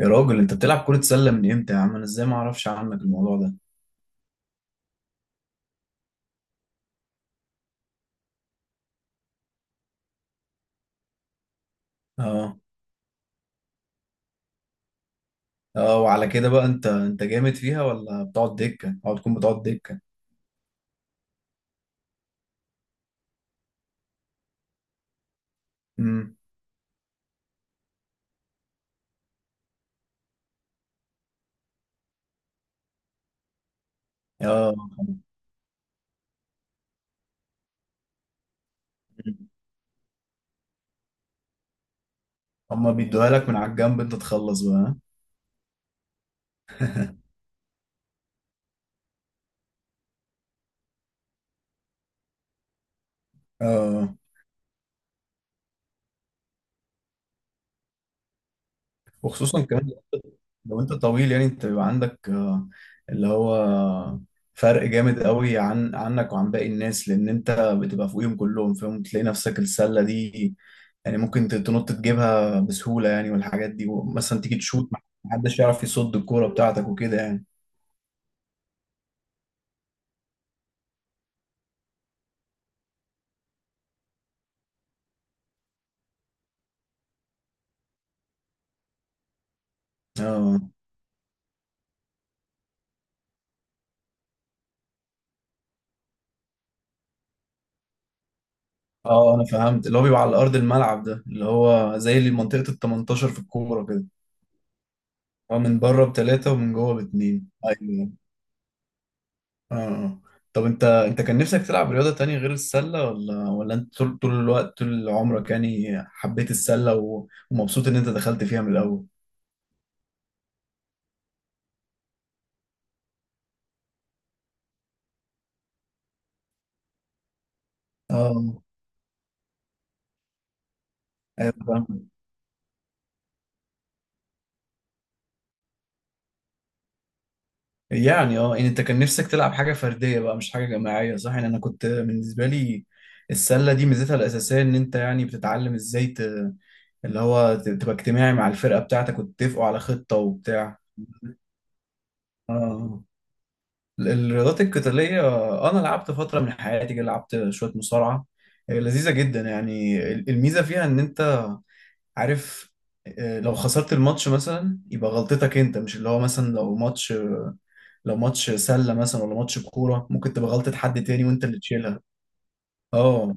يا راجل، انت بتلعب كرة سلة من امتى يا عم؟ انا ازاي ما اعرفش عنك الموضوع ده؟ اه، اه، وعلى كده بقى انت جامد فيها ولا بتقعد دكة، او بتكون بتقعد دكة؟ امم. اه، هما بيدوها لك من على الجنب انت تخلص بقى. اه، وخصوصا كمان لو انت طويل، يعني انت بيبقى عندك اللي هو فرق جامد قوي عن عنك وعن باقي الناس، لان انت بتبقى فوقيهم كلهم، فاهم؟ تلاقي نفسك السله دي يعني ممكن تنط تجيبها بسهولة يعني، والحاجات دي، ومثلا تيجي تشوت محدش يعرف يصد الكورة بتاعتك وكده يعني. اه. اه، انا فهمت، اللي هو بيبقى على ارض الملعب ده اللي هو زي اللي منطقة ال 18 في الكورة كده. هو من بره بتلاتة ومن جوه باتنين، ايوه. اه، طب انت كان نفسك تلعب رياضة تانية غير السلة، ولا انت طول الوقت طول عمرك يعني حبيت السلة ومبسوط ان انت دخلت فيها من الاول؟ اه، ايوه، فاهم. يعني يعني انت كان نفسك تلعب حاجه فرديه بقى، مش حاجه جماعيه، صح؟ يعني انا كنت بالنسبه لي، السله دي ميزتها الاساسيه ان انت يعني بتتعلم ازاي اللي هو تبقى اجتماعي مع الفرقه بتاعتك، وتتفقوا على خطه وبتاع. اه. الرياضات القتاليه، انا لعبت فتره من حياتي كده، لعبت شويه مصارعه. لذيذه جدا يعني. الميزه فيها ان انت عارف، لو خسرت الماتش مثلا يبقى غلطتك انت، مش اللي هو مثلا لو ماتش سله مثلا ولا ماتش كوره، ممكن تبقى غلطه حد تاني وانت اللي تشيلها. اه.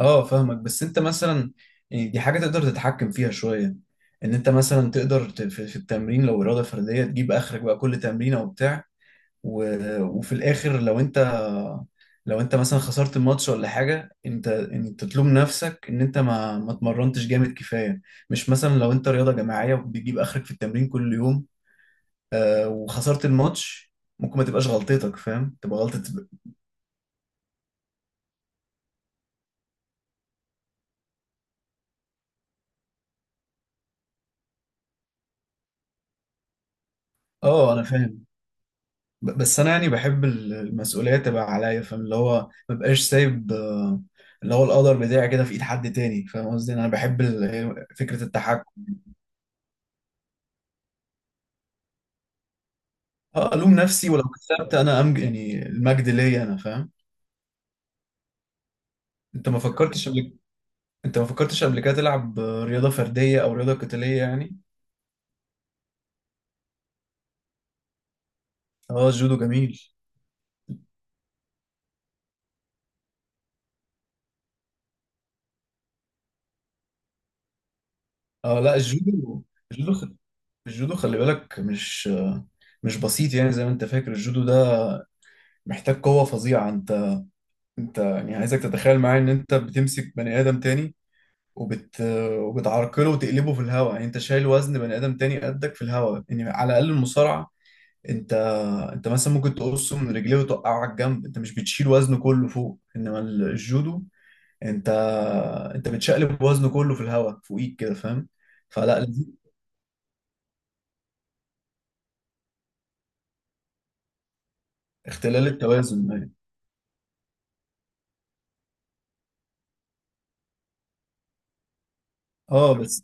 اه، فاهمك، بس انت مثلا، يعني دي حاجه تقدر تتحكم فيها شويه، ان انت مثلا تقدر في التمرين لو اراده فرديه تجيب اخرك بقى كل تمرينه وبتاع، وفي الاخر لو انت، لو انت مثلا خسرت الماتش ولا حاجه، انت تلوم نفسك ان انت ما اتمرنتش جامد كفايه. مش مثلا لو انت رياضه جماعيه بتجيب اخرك في التمرين كل يوم وخسرت الماتش، ممكن ما تبقاش غلطتك، فاهم؟ تبقى غلطة. اه، انا فاهم. بس انا يعني بحب المسؤوليه تبقى عليا، فاهم؟ اللي هو ما بقاش سايب اللي هو القدر بتاعي كده في ايد حد تاني، فاهم قصدي؟ انا بحب فكره التحكم. اه، الوم نفسي، ولو كسبت انا امج، يعني المجد ليا انا، فاهم؟ انت ما فكرتش قبل انت ما فكرتش قبل كده تلعب رياضه فرديه او رياضه قتاليه يعني؟ اه، الجودو جميل. اه، لا، الجودو، الجودو خ- الجودو، خلي بالك، مش بسيط يعني زي ما انت فاكر. الجودو ده محتاج قوه فظيعه. انت يعني، عايزك تتخيل معايا ان انت بتمسك بني ادم تاني وبت وبتعرقله وتقلبه في الهواء، يعني انت شايل وزن بني ادم تاني قدك في الهواء. يعني على الاقل المصارعه، انت انت مثلا ممكن تقصه من رجليه وتوقعه على الجنب، انت مش بتشيل وزنه كله فوق. انما الجودو، انت انت بتشقلب وزنه كله في الهواء فوقيك كده، فاهم؟ فلا، لذيذ. اختلال التوازن يعني. اه،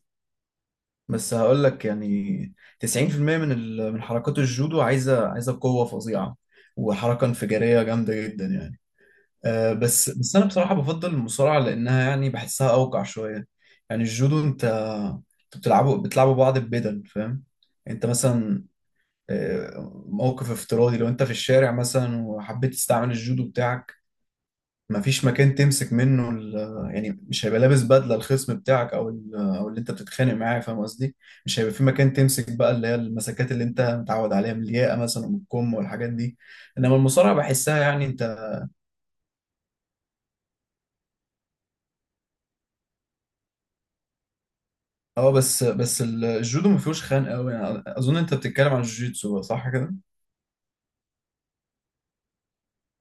بس هقول لك يعني، 90% من من حركات الجودو عايزه قوه فظيعه، وحركه انفجاريه جامده جدا يعني. بس انا بصراحه بفضل المصارعه، لانها يعني بحسها اوقع شويه. يعني الجودو انت بتلعبوا بعض ببدل، فاهم؟ انت مثلا موقف افتراضي لو انت في الشارع مثلا وحبيت تستعمل الجودو بتاعك، مفيش مكان تمسك منه يعني مش هيبقى لابس بدله الخصم بتاعك او او اللي انت بتتخانق معاه، فاهم قصدي؟ مش هيبقى في مكان تمسك بقى، اللي هي المسكات اللي انت متعود عليها من الياقه مثلا، ومن الكم والحاجات دي. انما المصارعه بحسها يعني، انت. اه، بس الجودو ما فيهوش خنق قوي، يعني اظن انت بتتكلم عن الجوجيتسو، صح كده؟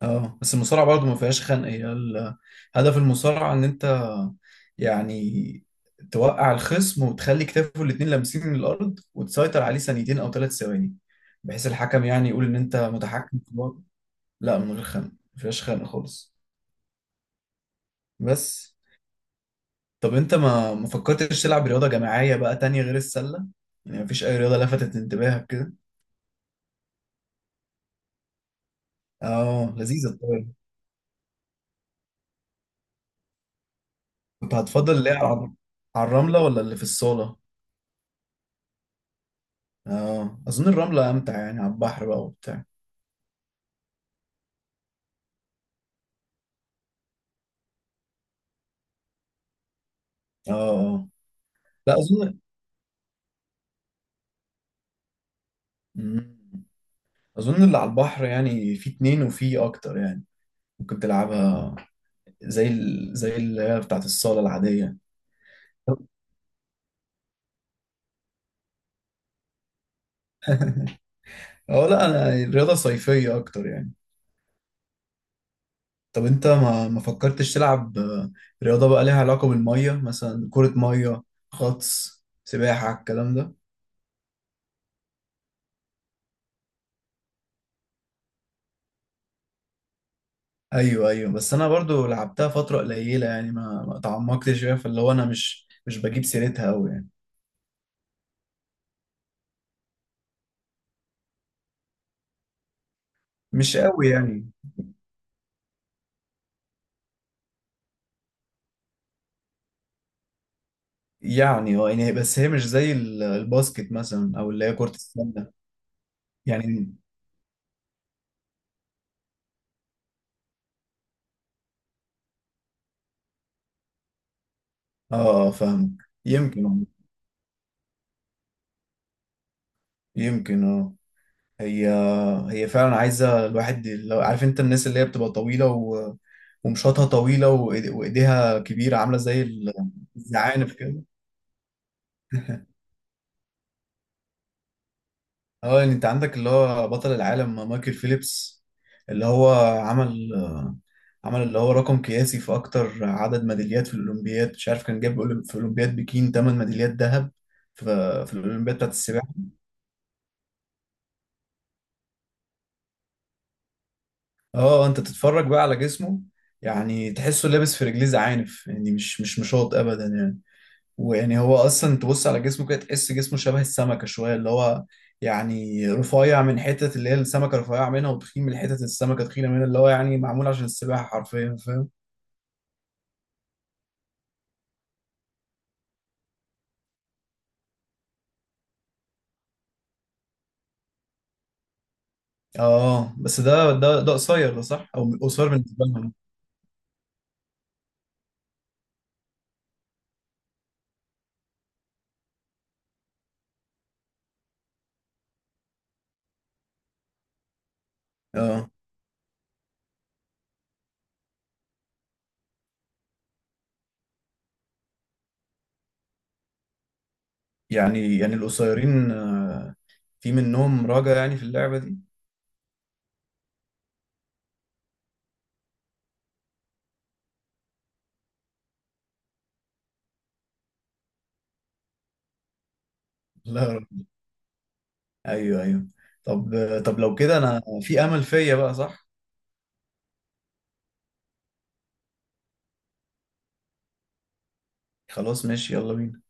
اه، بس المصارعة برضه ما فيهاش خنق، هي هدف المصارعة ان انت، يعني، توقع الخصم وتخلي كتافه الاتنين لامسين من الارض، وتسيطر عليه ثانيتين او 3 ثواني، بحيث الحكم يعني يقول ان انت متحكم في الوضع. لا، من غير خنق، ما فيهاش خنق خالص. بس. طب انت ما فكرتش تلعب رياضة جماعية بقى تانية غير السلة؟ يعني ما فيش اي رياضة لفتت انتباهك كده؟ اه، لذيذة الطايرة. كنت هتفضل اللي هي على الرملة ولا اللي في الصالة؟ اه، اظن الرملة امتع يعني، على البحر بقى وبتاع. اه، اه، لا، اظن. مم. اظن اللي على البحر يعني في اتنين وفي اكتر يعني، ممكن تلعبها زي زي اللي هي بتاعت الصالة العادية. اه، لا، انا الرياضة صيفية اكتر يعني. طب انت ما فكرتش تلعب رياضة بقى ليها علاقة بالمية، مثلا كرة مية، غطس، سباحة، الكلام ده؟ ايوه، ايوه، بس انا برضو لعبتها فترة قليلة يعني، ما تعمقتش فيها، فاللي هو انا مش بجيب سيرتها قوي يعني. مش قوي يعني. يعني يعني بس هي مش زي الباسكت مثلا، او اللي هي كرة السلة. يعني اه فاهم. يمكن اه يمكن هي هي فعلا عايزة الواحد، لو عارف انت، الناس اللي هي بتبقى طويلة ومشاطها طويلة، وايديها كبيرة، عاملة زي الزعانف كده. اه، يعني انت عندك اللي هو بطل العالم مايكل فيليبس، اللي هو عمل عمل اللي هو رقم قياسي في اكتر عدد ميداليات في الاولمبياد. مش عارف، كان جاب في اولمبياد بكين 8 ميداليات ذهب، في في الاولمبياد بتاعت السباحه. اه، انت تتفرج بقى على جسمه، يعني تحسه لابس في رجليه زعانف، يعني مش مشاط ابدا يعني. ويعني هو اصلا، تبص على جسمه كده، تحس جسمه شبه السمكه شويه، اللي هو يعني رفيع من حتت اللي هي السمكه رفيعه منها، وتخين من حتت السمكه تخينه منها، اللي هو يعني معمول عشان السباحه حرفيا، فاهم؟ اه، بس ده قصير، ده صح؟ او قصير بالنسبه لهم. اه، يعني القصيرين في منهم راجع يعني في اللعبه دي. لا يا رب. ايوه، ايوه. طب طب لو كده انا في امل فيا بقى، صح؟ خلاص، ماشي، يلا بينا.